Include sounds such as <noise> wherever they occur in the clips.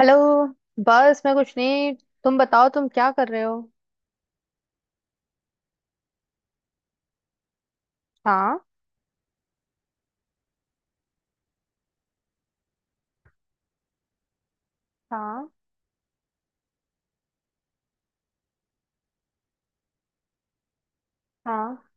Hello. बस मैं कुछ नहीं। तुम बताओ तुम क्या कर रहे हो। हाँ। हाँ। हाँ।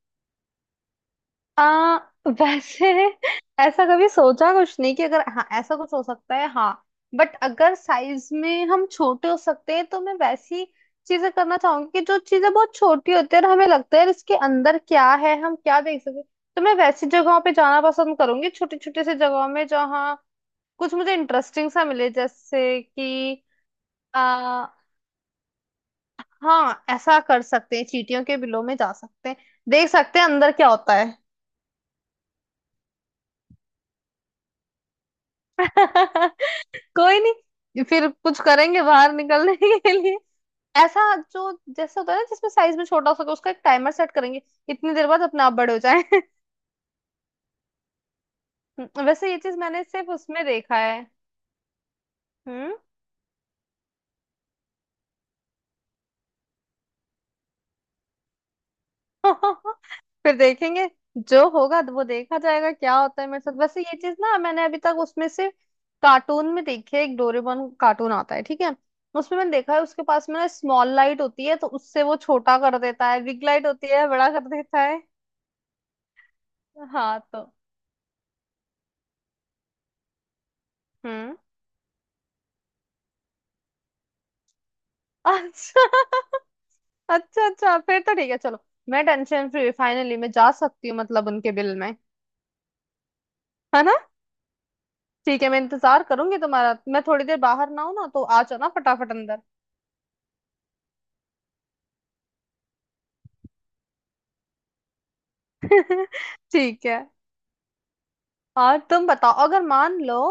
आ, वैसे <laughs> ऐसा कभी सोचा कुछ नहीं कि अगर हाँ ऐसा कुछ हो सकता है। हाँ। बट अगर साइज में हम छोटे हो सकते हैं तो मैं वैसी चीजें करना चाहूंगी कि जो चीजें बहुत छोटी होती है और हमें लगता है यार इसके अंदर क्या है, हम क्या देख सकते हैं। तो मैं वैसी जगहों पे जाना पसंद करूंगी, छोटी छोटी सी जगहों में जहाँ कुछ मुझे इंटरेस्टिंग सा मिले, जैसे कि हाँ ऐसा कर सकते हैं, चींटियों के बिलों में जा सकते हैं, देख सकते हैं अंदर क्या होता है। <laughs> कोई नहीं, फिर कुछ करेंगे बाहर निकलने के लिए। ऐसा जो जैसा होता है ना जिसमें साइज में छोटा हो सके, उसका एक टाइमर सेट करेंगे, इतनी देर बाद अपने आप बड़े हो जाए। <laughs> वैसे ये चीज मैंने सिर्फ उसमें देखा है। हम्म। फिर देखेंगे, जो होगा तो वो देखा जाएगा क्या होता है मेरे साथ। वैसे ये चीज ना मैंने अभी तक उसमें से कार्टून में देखी है, एक डोरेमोन कार्टून आता है, ठीक है। उसमें मैंने देखा है, उसके पास में ना स्मॉल लाइट होती है तो उससे वो छोटा कर देता है, बिग लाइट होती है बड़ा कर देता है। हाँ तो हम्म। अच्छा। <laughs> अच्छा अच्छा, फिर तो ठीक है चलो। मैं टेंशन फ्री, फाइनली मैं जा सकती हूँ मतलब उनके बिल में। है ना। ठीक है, मैं इंतजार करूंगी तुम्हारा। मैं थोड़ी देर बाहर ना हूं ना तो आ जाना फटाफट अंदर। <laughs> ठीक है। और तुम बताओ, अगर मान लो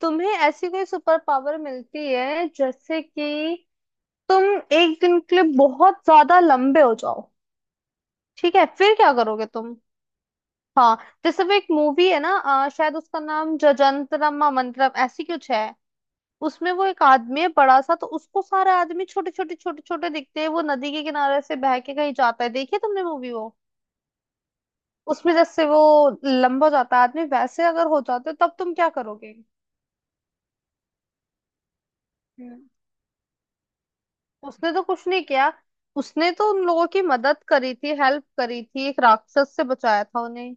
तुम्हें ऐसी कोई सुपर पावर मिलती है जैसे कि तुम एक दिन के लिए बहुत ज्यादा लंबे हो जाओ, ठीक है फिर क्या करोगे तुम। हाँ जैसे वो एक मूवी है ना, शायद उसका नाम जजंतरम मंत्रम ऐसी कुछ है। उसमें वो एक आदमी है बड़ा सा तो उसको सारे आदमी छोटे छोटे छोटे छोटे दिखते हैं। वो नदी के किनारे से बह के कहीं जाता है, देखिए तुमने मूवी वो। उसमें जैसे वो लंबा हो जाता है आदमी, वैसे अगर हो जाते हो तब तुम क्या करोगे। हम्म। उसने तो कुछ नहीं किया, उसने तो उन लोगों की मदद करी थी, हेल्प करी थी, एक राक्षस से बचाया था उन्हें।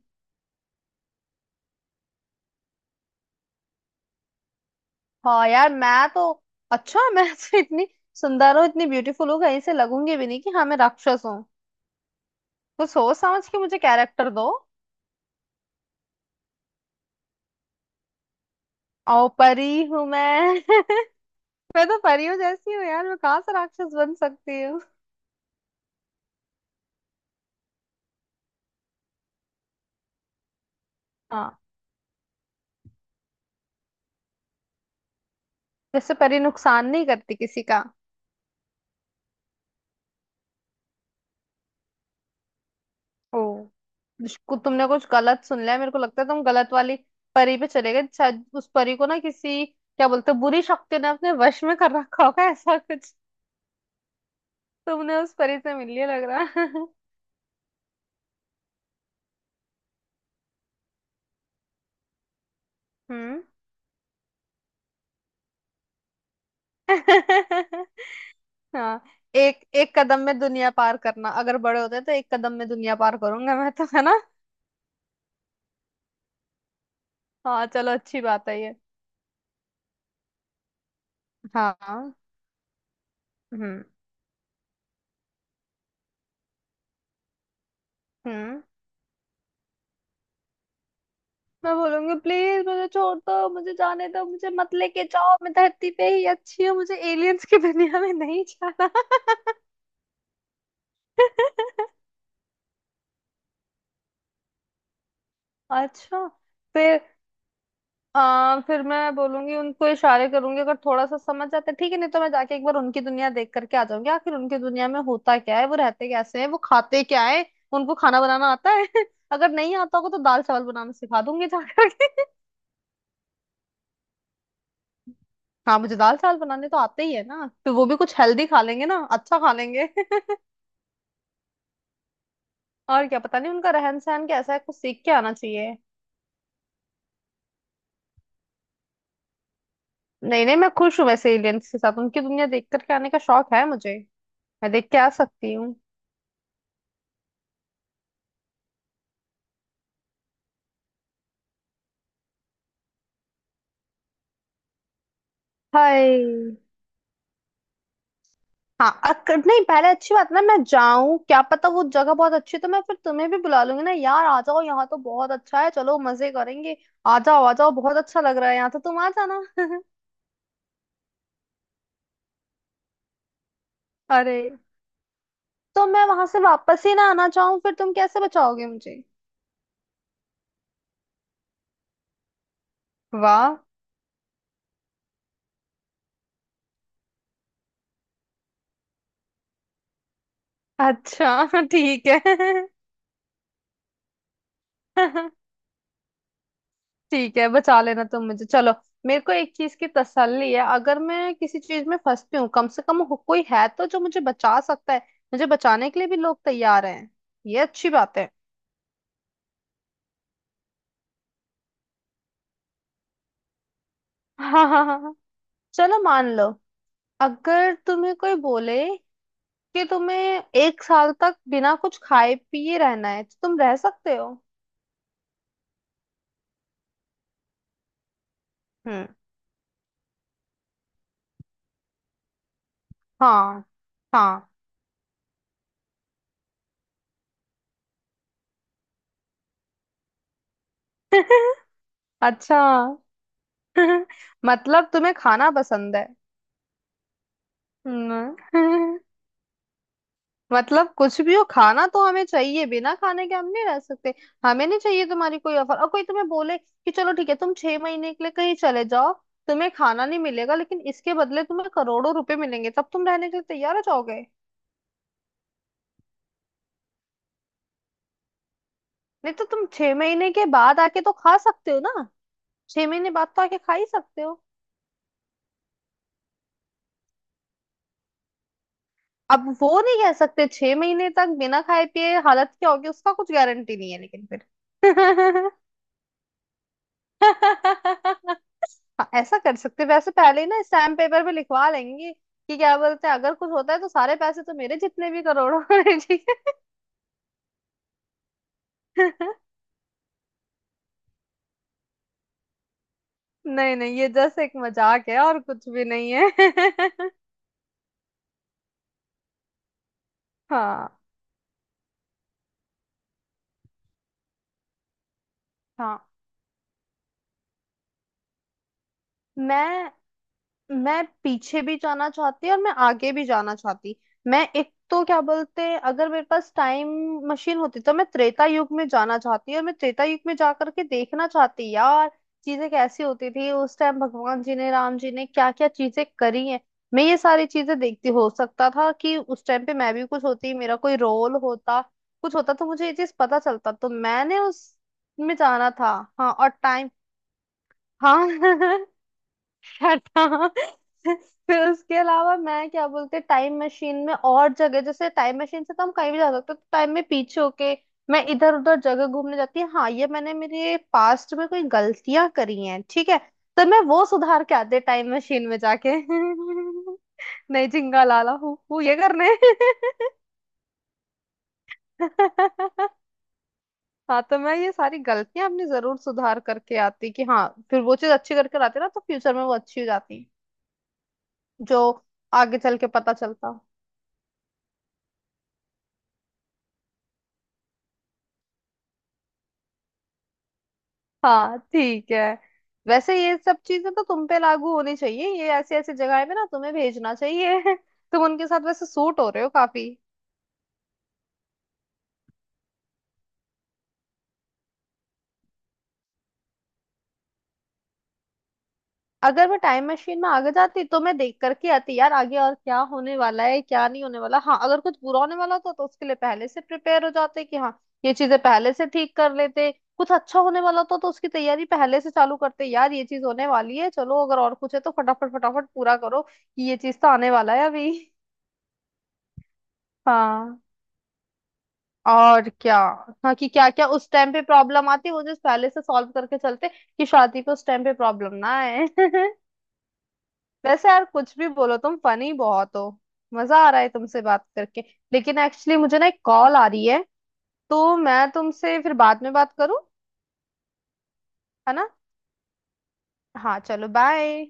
हाँ यार, मैं तो अच्छा <laughs> मैं तो इतनी सुंदर हूँ, इतनी ब्यूटीफुल हूँ, कहीं से लगूंगी भी नहीं कि हाँ मैं राक्षस हूँ। तो सोच समझ के मुझे कैरेक्टर दो। ओ, परी हूँ मैं। <laughs> मैं तो परी हूँ जैसी हूँ यार, मैं कहाँ से राक्षस बन सकती हूँ। हाँ जैसे परी नुकसान नहीं करती किसी का। ओ, इसको तुमने कुछ गलत सुन लिया है, मेरे को लगता है तुम गलत वाली परी पे चले गए। शायद उस परी को ना किसी क्या बोलते हैं, बुरी शक्ति ने अपने वश में कर रखा होगा, ऐसा कुछ। तुमने उस परी से मिल लिया लग रहा है। हम्म। <laughs> हाँ। एक एक कदम में दुनिया पार करना, अगर बड़े होते तो एक कदम में दुनिया पार करूंगा मैं तो, है ना। हाँ चलो अच्छी बात है ये। हाँ। हम्म हम्म। मैं बोलूंगी प्लीज मुझे छोड़ दो, मुझे जाने दो, मुझे मत लेके जाओ, मैं धरती पे ही अच्छी हूँ, मुझे एलियंस की दुनिया में नहीं जाना। <laughs> अच्छा, फिर फिर मैं बोलूंगी, उनको इशारे करूंगी अगर थोड़ा सा समझ जाते ठीक है, नहीं तो मैं जाके एक बार उनकी दुनिया देख करके आ जाऊंगी, आखिर उनकी दुनिया में होता क्या है, वो रहते कैसे हैं, वो खाते क्या है, उनको खाना बनाना आता है। <laughs> अगर नहीं आता होगा तो दाल चावल बनाना सिखा दूंगी जाकर के। <laughs> हाँ मुझे दाल चावल बनाने तो आते ही है ना, फिर वो भी कुछ हेल्दी खा लेंगे ना, अच्छा खा लेंगे। <laughs> और क्या पता नहीं उनका रहन सहन कैसा है, कुछ सीख के आना चाहिए। नहीं नहीं, मैं खुश हूँ वैसे एलियंस के साथ, उनकी दुनिया देख करके आने का शौक है मुझे, मैं देख के आ सकती हूँ। हाय। नहीं पहले अच्छी बात ना मैं जाऊं, क्या पता वो जगह बहुत अच्छी है तो मैं फिर तुम्हें भी बुला लूंगी ना, यार आ जाओ यहाँ तो बहुत अच्छा है, चलो मजे करेंगे। आ जाओ आ जाओ, बहुत अच्छा लग रहा है यहाँ तो, तुम आ जाना। <laughs> अरे, तो मैं वहां से वापस ही ना आना चाहूँ फिर तुम कैसे बचाओगे मुझे। वाह। अच्छा <laughs> ठीक है। <laughs> ठीक है बचा लेना तुम मुझे, चलो मेरे को एक चीज की तसल्ली है, अगर मैं किसी चीज में फंसती हूँ कम से कम कोई है तो जो मुझे बचा सकता है, मुझे बचाने के लिए भी लोग तैयार हैं, ये अच्छी बात है। हाँ हाँ हाँ हाँ। चलो मान लो, अगर तुम्हें कोई बोले कि तुम्हें एक साल तक बिना कुछ खाए पिए रहना है तो तुम रह सकते हो। हम्म। हाँ। हाँ। <laughs> अच्छा। <laughs> मतलब तुम्हें खाना पसंद है। हम्म। <laughs> मतलब कुछ भी हो खाना तो हमें चाहिए, बिना खाने के हम नहीं रह सकते, हमें नहीं चाहिए तुम्हारी कोई ऑफर। और कोई तुम्हें बोले कि चलो ठीक है तुम छह महीने के लिए कहीं चले जाओ, तुम्हें खाना नहीं मिलेगा लेकिन इसके बदले तुम्हें करोड़ों रुपए मिलेंगे, तब तुम रहने के लिए तैयार हो जाओगे। नहीं तो तुम छह महीने के बाद आके तो खा सकते हो ना, छह महीने बाद तो आके खा ही सकते हो। अब वो नहीं कह सकते, छह महीने तक बिना खाए पिए हालत क्या होगी उसका कुछ गारंटी नहीं है, लेकिन फिर <laughs> हाँ ऐसा कर सकते। वैसे पहले ही ना स्टैम्प पेपर पे लिखवा लेंगे कि क्या बोलते हैं, अगर कुछ होता है तो सारे पैसे तो मेरे, जितने भी करोड़ों <laughs> हैं, ठीक है। <laughs> नहीं नहीं, ये जस्ट एक मजाक है और कुछ भी नहीं है। <laughs> हाँ। हाँ। मैं मैं पीछे भी जाना चाहती और मैं आगे भी जाना चाहती। मैं एक तो क्या बोलते हैं, अगर मेरे पास टाइम मशीन होती तो मैं त्रेता युग में जाना चाहती, और मैं त्रेता युग में जा करके देखना चाहती यार चीजें कैसी होती थी उस टाइम, भगवान जी ने राम जी ने क्या क्या चीजें करी हैं, मैं ये सारी चीजें देखती। हो सकता था कि उस टाइम पे मैं भी कुछ होती, मेरा कोई रोल होता, कुछ होता तो मुझे ये चीज पता चलता, तो मैंने उस में जाना था। हाँ और टाइम। हाँ। <laughs> क्या था। <laughs> फिर उसके अलावा मैं क्या बोलते, टाइम मशीन में और जगह जैसे, टाइम मशीन से तो हम कहीं भी जा सकते हैं, तो टाइम में पीछे होके मैं इधर उधर जगह घूमने जाती है। हाँ ये मैंने मेरे पास्ट में कोई गलतियां करी हैं ठीक है, तो मैं वो सुधार के आते, टाइम मशीन में जाके। <laughs> नहीं झिंगा लाला हूँ हूँ ये करने। <laughs> हाँ तो मैं ये सारी गलतियां अपनी जरूर सुधार करके आती, कि हाँ फिर वो चीज अच्छी करके आती ना तो फ्यूचर में वो अच्छी हो जाती, जो आगे चल के पता चलता। हाँ ठीक है। वैसे ये सब चीजें तो तुम पे लागू होनी चाहिए, ये ऐसी ऐसी जगह में ना तुम्हें भेजना चाहिए। <laughs> तुम उनके साथ वैसे सूट हो रहे हो काफी। अगर मैं टाइम मशीन में आगे जाती तो मैं देख करके आती यार आगे और क्या होने वाला है क्या नहीं होने वाला। हाँ अगर कुछ बुरा होने वाला होता तो उसके लिए पहले से प्रिपेयर हो जाते कि हाँ ये चीजें पहले से ठीक कर लेते। कुछ अच्छा होने वाला होता तो उसकी तैयारी पहले से चालू करते, यार ये चीज होने वाली है चलो अगर और कुछ है तो फटाफट फटाफट पूरा करो कि ये चीज तो आने वाला है अभी। हाँ और क्या। हाँ कि क्या क्या उस टाइम पे प्रॉब्लम आती, वो जो पहले से सॉल्व करके चलते कि शादी को उस टाइम पे प्रॉब्लम ना आए। <laughs> वैसे यार कुछ भी बोलो तुम फनी बहुत हो, मजा आ रहा है तुमसे बात करके। लेकिन एक्चुअली मुझे ना एक कॉल आ रही है, तो मैं तुमसे फिर बाद में बात करूं, है ना। हाँ चलो बाय।